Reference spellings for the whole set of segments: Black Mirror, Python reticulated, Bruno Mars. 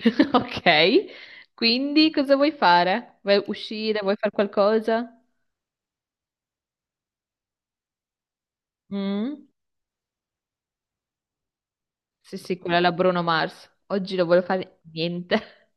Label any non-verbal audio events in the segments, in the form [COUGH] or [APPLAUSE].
[LAUGHS] Ok, quindi cosa vuoi fare? Vuoi uscire? Vuoi fare qualcosa? Mm? Sì, sì, quella è la Bruno Mars. Oggi non voglio fare niente.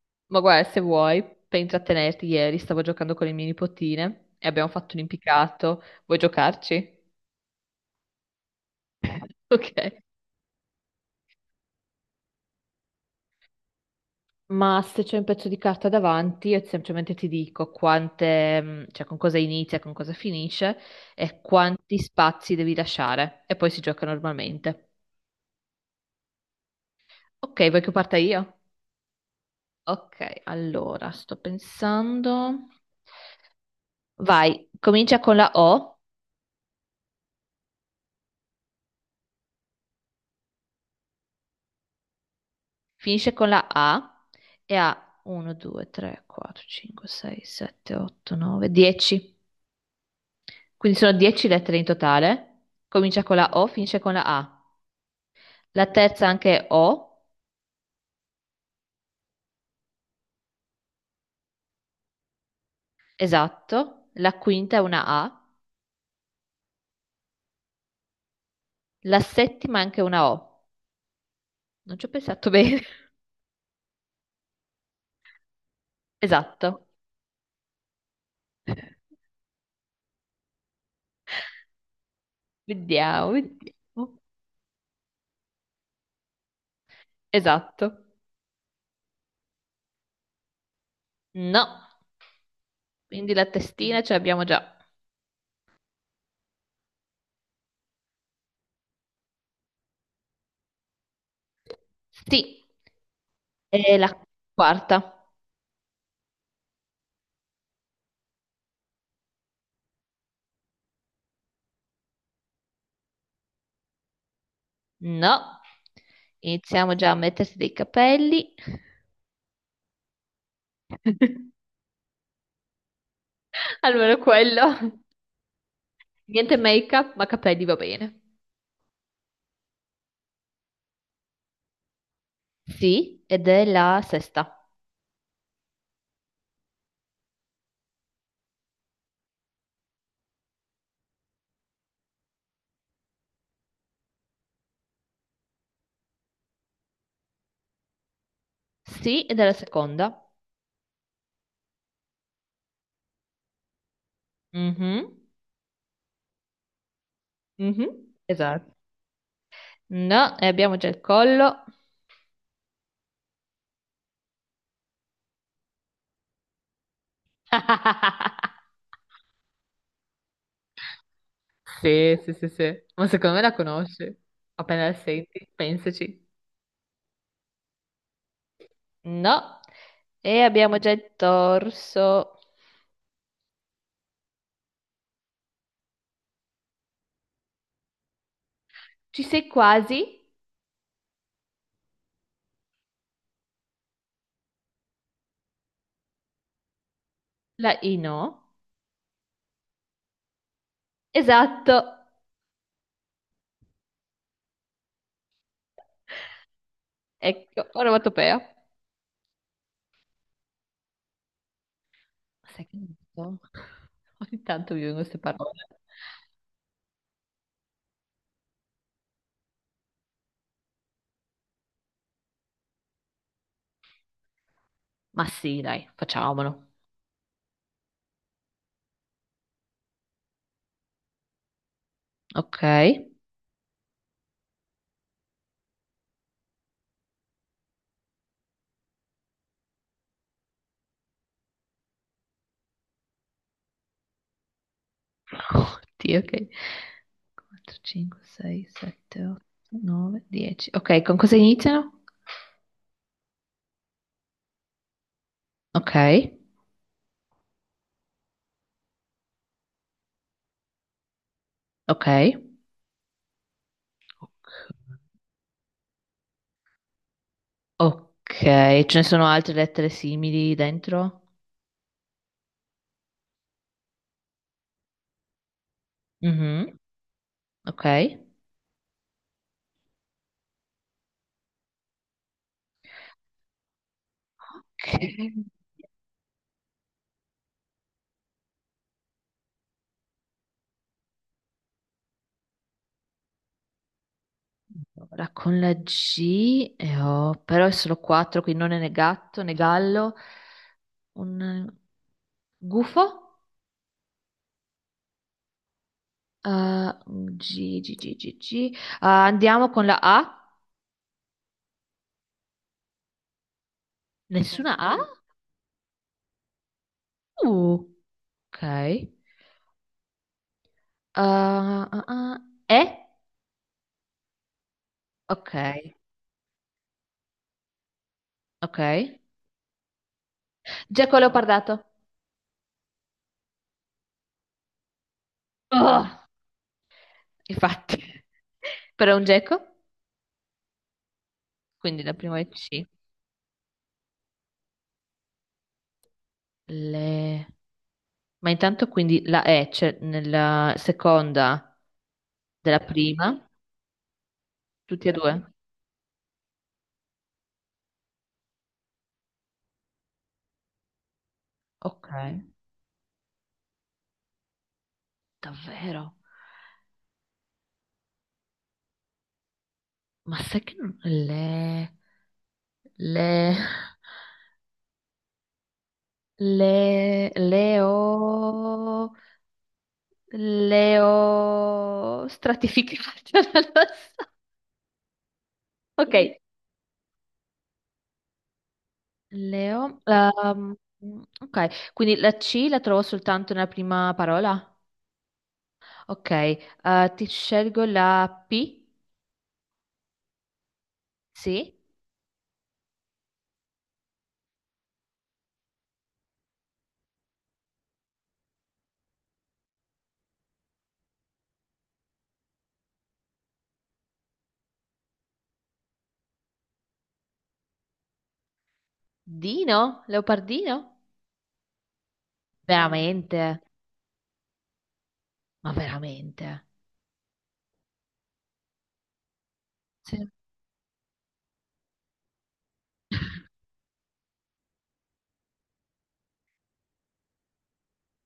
[LAUGHS] Ma guarda, se vuoi, per intrattenerti, ieri stavo giocando con le mie nipotine e abbiamo fatto un impiccato. Vuoi giocarci? [LAUGHS] Ok. Ma se c'è un pezzo di carta davanti, io semplicemente ti dico quante, cioè con cosa inizia, con cosa finisce e quanti spazi devi lasciare. E poi si gioca normalmente. Ok, vuoi che parta io? Ok, allora sto pensando. Vai, comincia con la O, finisce con la A e ha 1, 2, 3, 4, 5, 6, 7, 8, 9, 10. Quindi sono 10 lettere in totale. Comincia con la O, finisce con la A. La terza anche è O, esatto. La quinta è una A. La settima è anche una O. Non ci ho pensato bene. [LAUGHS] Esatto. Vediamo, vediamo. Esatto. No. Quindi la testina ce l'abbiamo già. Sì, e la quarta. No, iniziamo già a mettersi dei capelli. [LAUGHS] Almeno quello. Niente make-up, ma capelli va bene. Sì, ed è la sesta. Sì, ed è la seconda. Mhm, mhm, esatto. No, e abbiamo già il collo. [LAUGHS] Sì, sì, sì, sì. Ma secondo me la conosci. Appena la senti, pensaci. No, e abbiamo già il torso. Ci sei quasi? La I no? Esatto, ecco, onomatopea. Sai che non so? Ogni tanto mi vengono queste parole. Ma sì, dai, facciamolo. Ok. Oddio, ok. 4, 5, 6, 7, 8, 9, 10. Ok, con cosa iniziano? Ok, ok, ok. Ce ne sono altre lettere simili dentro? Mhm, ok. Ok. Ora con la G e ho, però è solo quattro, quindi non è né gatto né gallo. Un gufo? Ah, G, G, G, G, G. Ah, andiamo con la A. Nessuna A? Uh, ok. Ah, ah, ah. E? Ok, ok. Geco leopardato. Oh, infatti. [LAUGHS] Però è un geco, quindi la prima è C. Le- Ma intanto quindi la E c'è nella seconda della prima. Tutti e due? Ok. Davvero? Ma sai che non... le... leo... stratificate, [LAUGHS] non lo so. Ok, leo... ehm, ok, quindi la C la trovo soltanto nella prima parola? Ok, ti scelgo la P? Sì? Dino? Leopardino? No. Veramente? Ma veramente? Sì.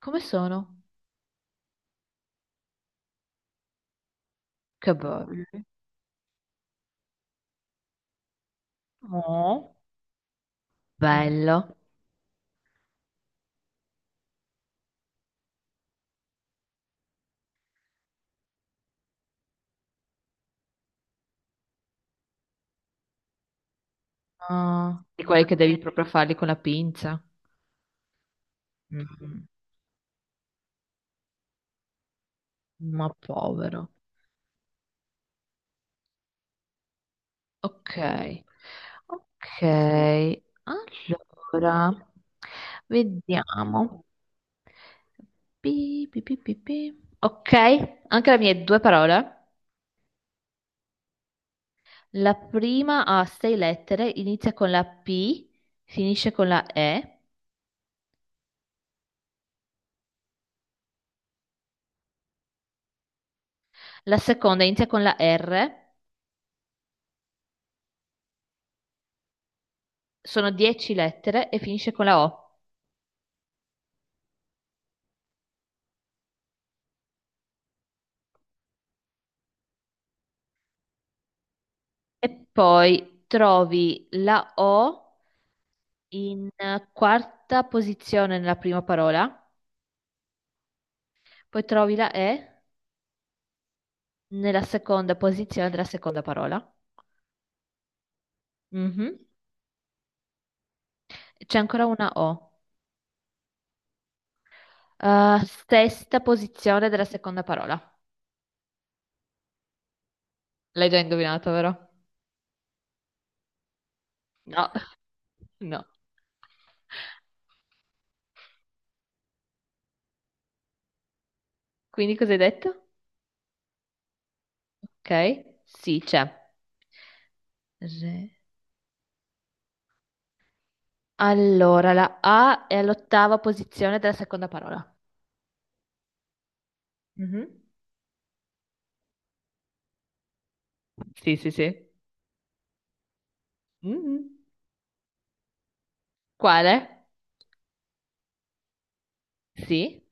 Come sono? Che bello. Oh, bello. Ah, di quelli che devi proprio farli con la pinza. Mm, ma povero. Ok. Ok. Allora, vediamo. Pi, pi, pi, pi, pi. Ok, anche le mie due parole. La prima ha sei lettere, inizia con la P, finisce con la E. La seconda inizia con la R, sono 10 lettere e finisce con la O. E poi trovi la O in quarta posizione nella prima parola, poi trovi la E nella seconda posizione della seconda parola. Mhm. C'è ancora una O. Eh, sesta posizione della seconda parola. L'hai già indovinato, vero? No, no. Quindi cosa hai detto? Ok, sì, c'è. Re- Allora, la A è all'ottava posizione della seconda parola. Mhm. Sì, sì, sì. Mhm. Quale? Sì.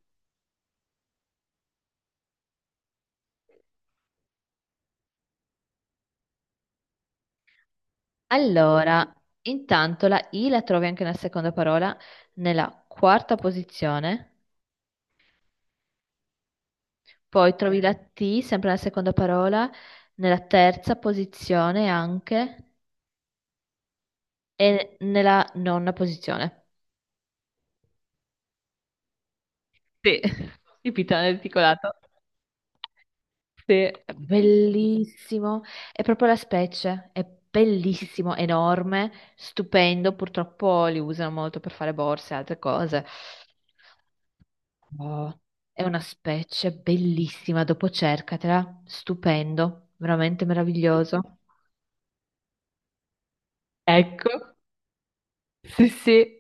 Allora, intanto la I la trovi anche nella seconda parola, nella quarta posizione, poi trovi la T sempre nella seconda parola, nella terza posizione anche e nella nona posizione. Sì, [LAUGHS] il pitone articolato. Sì. È bellissimo, è proprio la specie, è bellissimo, enorme, stupendo. Purtroppo li usano molto per fare borse e altre cose. Oh, è una specie bellissima, dopo cercatela, stupendo, veramente meraviglioso. Ecco, sì, sì.